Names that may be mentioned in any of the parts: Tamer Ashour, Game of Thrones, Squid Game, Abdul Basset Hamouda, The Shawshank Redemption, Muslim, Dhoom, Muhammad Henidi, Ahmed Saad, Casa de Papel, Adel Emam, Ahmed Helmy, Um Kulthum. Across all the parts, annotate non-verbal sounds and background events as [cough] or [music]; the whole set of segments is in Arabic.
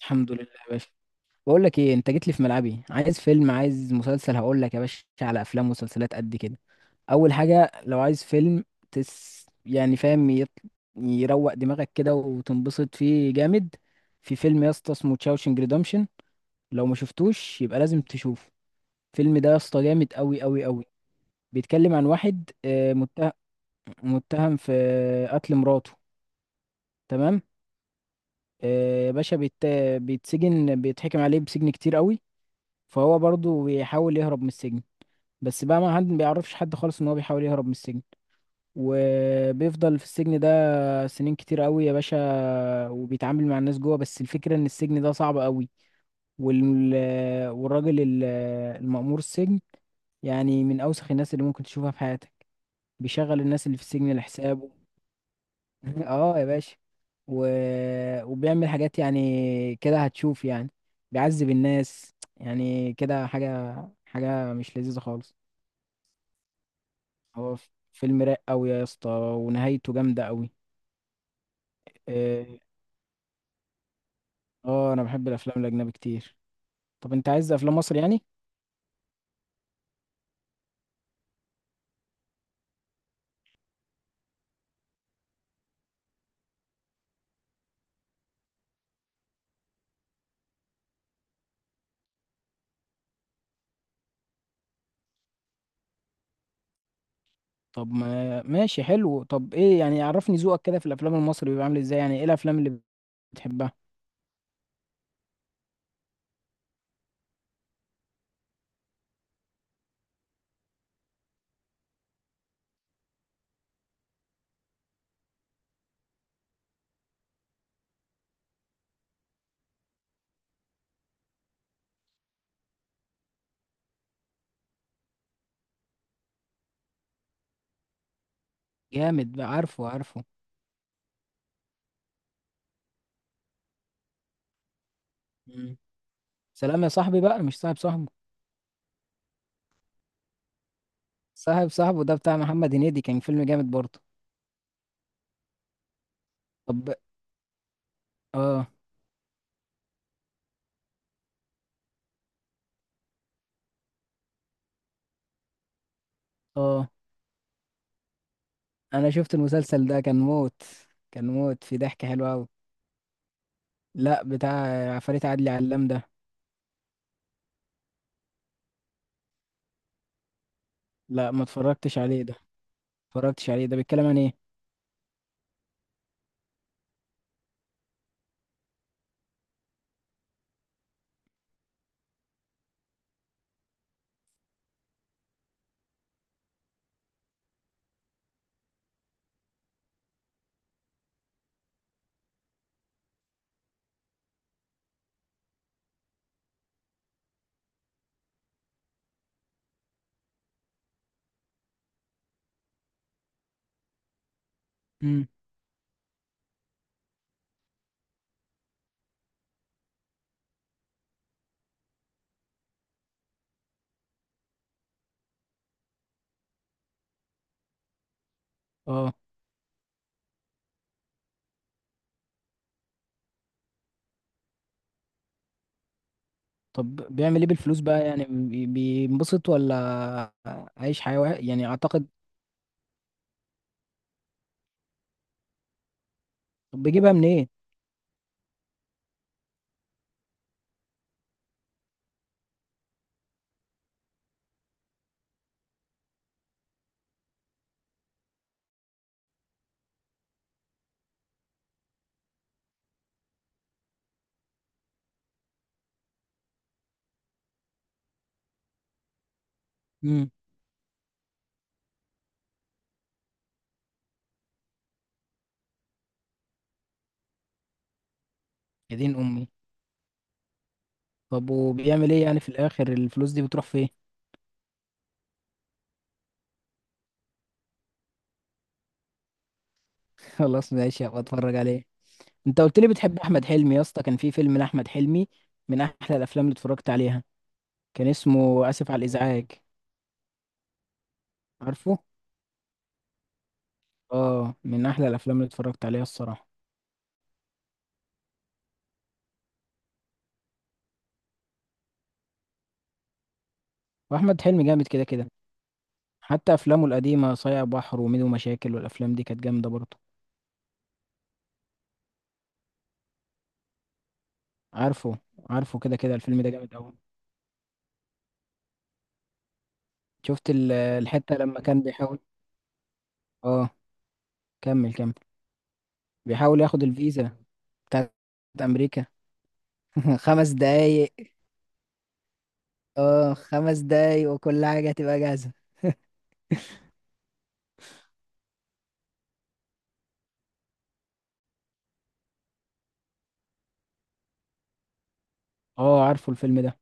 الحمد لله يا باشا. بقول لك ايه؟ انت جيت لي في ملعبي، عايز فيلم، عايز مسلسل، هقول لك يا باشا على افلام ومسلسلات قد كده. اول حاجه لو عايز فيلم يعني فاهم، يروق دماغك كده وتنبسط فيه جامد. في فيلم يا اسطى اسمه تشاوشنج ريدمشن، لو ما شفتوش يبقى لازم تشوفه. الفيلم ده يا اسطى جامد قوي قوي قوي. بيتكلم عن واحد متهم في قتل مراته. تمام. يا باشا، بيتسجن، بيتحكم عليه بسجن كتير قوي. فهو برضه بيحاول يهرب من السجن. بس بقى ما بيعرفش حد خالص ان هو بيحاول يهرب من السجن. وبيفضل في السجن ده سنين كتير قوي يا باشا. وبيتعامل مع الناس جوه. بس الفكرة ان السجن ده صعب قوي. وال... والراجل المأمور السجن، يعني من اوسخ الناس اللي ممكن تشوفها في حياتك. بيشغل الناس اللي في السجن لحسابه. [laughs] اه يا باشا. و... وبيعمل حاجات، يعني كده هتشوف يعني، بيعذب الناس يعني كده حاجة مش لذيذة خالص. هو فيلم رايق قوي يا اسطى، ونهايته جامده قوي. اه. انا بحب الافلام الاجنبي كتير. طب انت عايز افلام مصري يعني؟ طب ما ماشي، حلو. طب ايه يعني، عرفني ذوقك كده في الافلام المصري بيبقى عامل ازاي، يعني ايه الافلام اللي بتحبها؟ جامد بقى، عارفه عارفه. مم. سلام يا صاحبي بقى، مش صاحب صاحبه. صاحب صاحبه ده بتاع محمد هنيدي، كان فيلم جامد برضه. طب. اه اه، انا شفت المسلسل ده كان موت. كان موت في ضحك حلو قوي. لا، بتاع عفاريت عدلي علام ده. لا، ما اتفرجتش عليه ده. بيتكلم عن ايه؟ امم اه. طب بيعمل ايه بالفلوس بقى يعني، بينبسط، ولا عايش حياة يعني اعتقد. طب بيجيبها منين؟ امم يا دين امي. طب وبيعمل ايه يعني في الاخر، الفلوس دي بتروح فين؟ [laughs] خلاص ماشي، هبقى اتفرج عليه. انت قلت لي بتحب احمد حلمي يا اسطى، كان في فيلم لاحمد حلمي من احلى الافلام اللي اتفرجت عليها. كان اسمه اسف على الازعاج. عارفه. اه، من احلى الافلام اللي اتفرجت عليها الصراحة. واحمد حلمي جامد كده كده. حتى افلامه القديمه، صايع بحر وميدو مشاكل، والافلام دي كانت جامده برضه. عارفه، عارفه كده كده، الفيلم ده جامد قوي. شفت الحته لما كان بيحاول. اه، كمل كمل. بيحاول ياخد الفيزا بتاعت امريكا. [laughs] 5 دقايق. اه، 5 دقايق وكل حاجه هتبقى جاهزه. اه، عارفه الفيلم ده.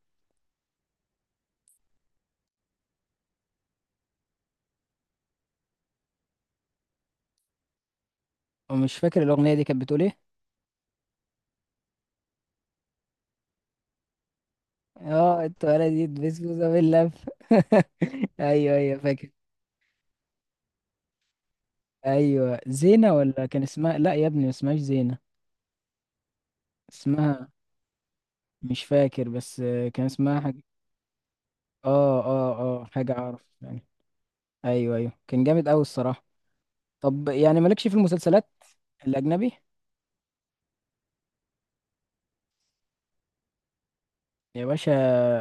ومش فاكر الاغنيه دي كانت بتقول ايه. اه، التوالة دي بسبوسه باللف. [laughs] ايوه ايوه، فاكر. ايوه زينه، ولا كان اسمها؟ لا يا ابني، ما اسمهاش زينه. اسمها مش فاكر، بس كان اسمها حاجة. اه اه اه، حاجة اعرف يعني. ايوه ايوه، كان جامد اوي الصراحة. طب يعني مالكش في المسلسلات الاجنبي يا باشا؟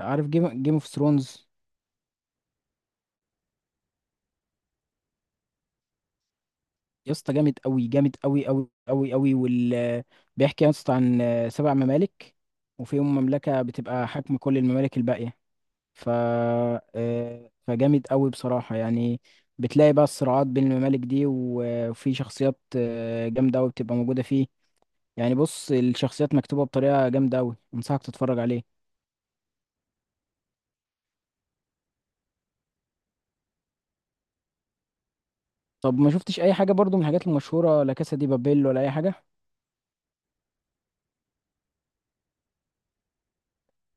عارف جيم اوف ثرونز؟ يا اسطى جامد اوي جامد اوي اوي اوي اوي بيحكي يا اسطى عن 7 ممالك، وفيهم مملكة بتبقى حاكمة كل الممالك الباقية. ف فجامد اوي بصراحة يعني. بتلاقي بقى الصراعات بين الممالك دي، وفي شخصيات جامدة اوي بتبقى موجودة فيه. يعني بص، الشخصيات مكتوبة بطريقة جامدة أوي، أنصحك تتفرج عليه. طب ما شفتش أي حاجة برضو من الحاجات المشهورة، لا كاسا دي بابيل ولا أي حاجة؟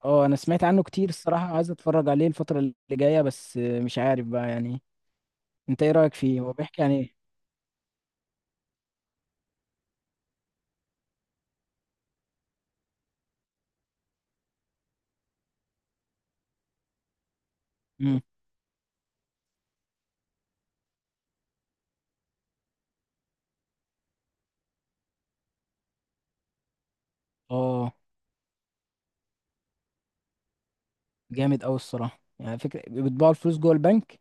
اه، أنا سمعت عنه كتير الصراحة، عايز أتفرج عليه الفترة اللي جاية، بس مش عارف بقى يعني. أنت إيه رأيك فيه؟ هو بيحكي عن إيه؟ مم. اه، جامد أوي الصراحة، يعني فكرة بيطبعوا الفلوس جوه البنك.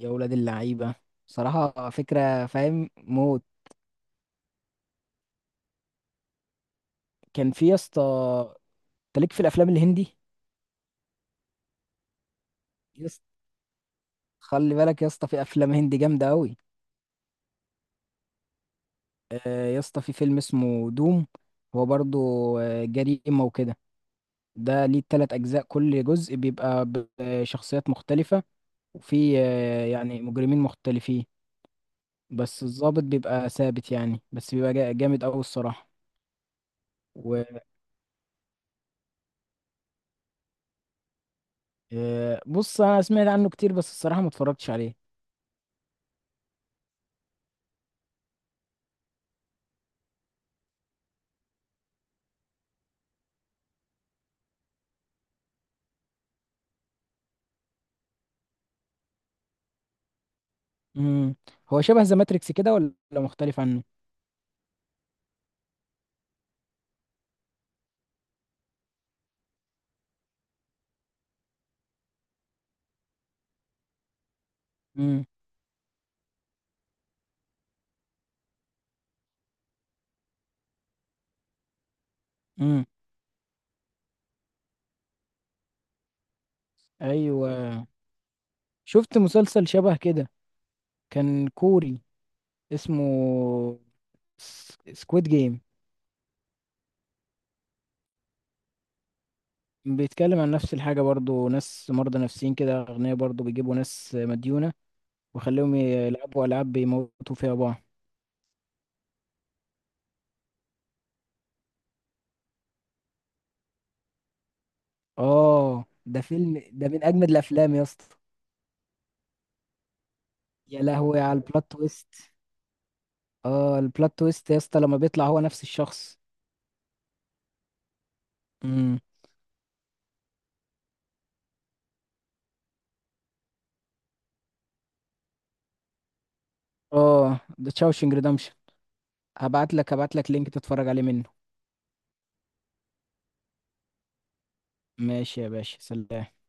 يا ولاد اللعيبة. صراحة فكرة فاهم موت. كان في يا اسطى أنت ليك في الأفلام الهندي؟ يا اسطى خلي بالك يا اسطى، في أفلام هندي جامدة أوي. يا اسطى في فيلم اسمه دوم. هو برضو جريمة وكده. ده ليه 3 أجزاء، كل جزء بيبقى بشخصيات مختلفة، وفي يعني مجرمين مختلفين. بس الضابط بيبقى ثابت يعني، بس بيبقى جامد أوي الصراحة. وبص، أنا سمعت عنه كتير بس الصراحة ما اتفرجتش عليه. مم. هو شبه ذا ماتريكس كده، ولا مختلف عنه؟ مم. مم. أيوة. شفت مسلسل شبه كده، كان كوري، اسمه سكويد جيم. بيتكلم عن نفس الحاجة برضو، ناس مرضى نفسيين كده أغنياء برضو، بيجيبوا ناس مديونة وخليهم يلعبوا ألعاب بيموتوا فيها بعض. آه، ده من أجمد الأفلام يا اسطى. يا لهوي على البلot تويست. آه، البلot تويست يا اسطى لما بيطلع هو نفس الشخص. امم آه، ده تشاوشنج ريدمشن. هبعت لك لينك تتفرج عليه منه. ماشي يا باشا، سلام.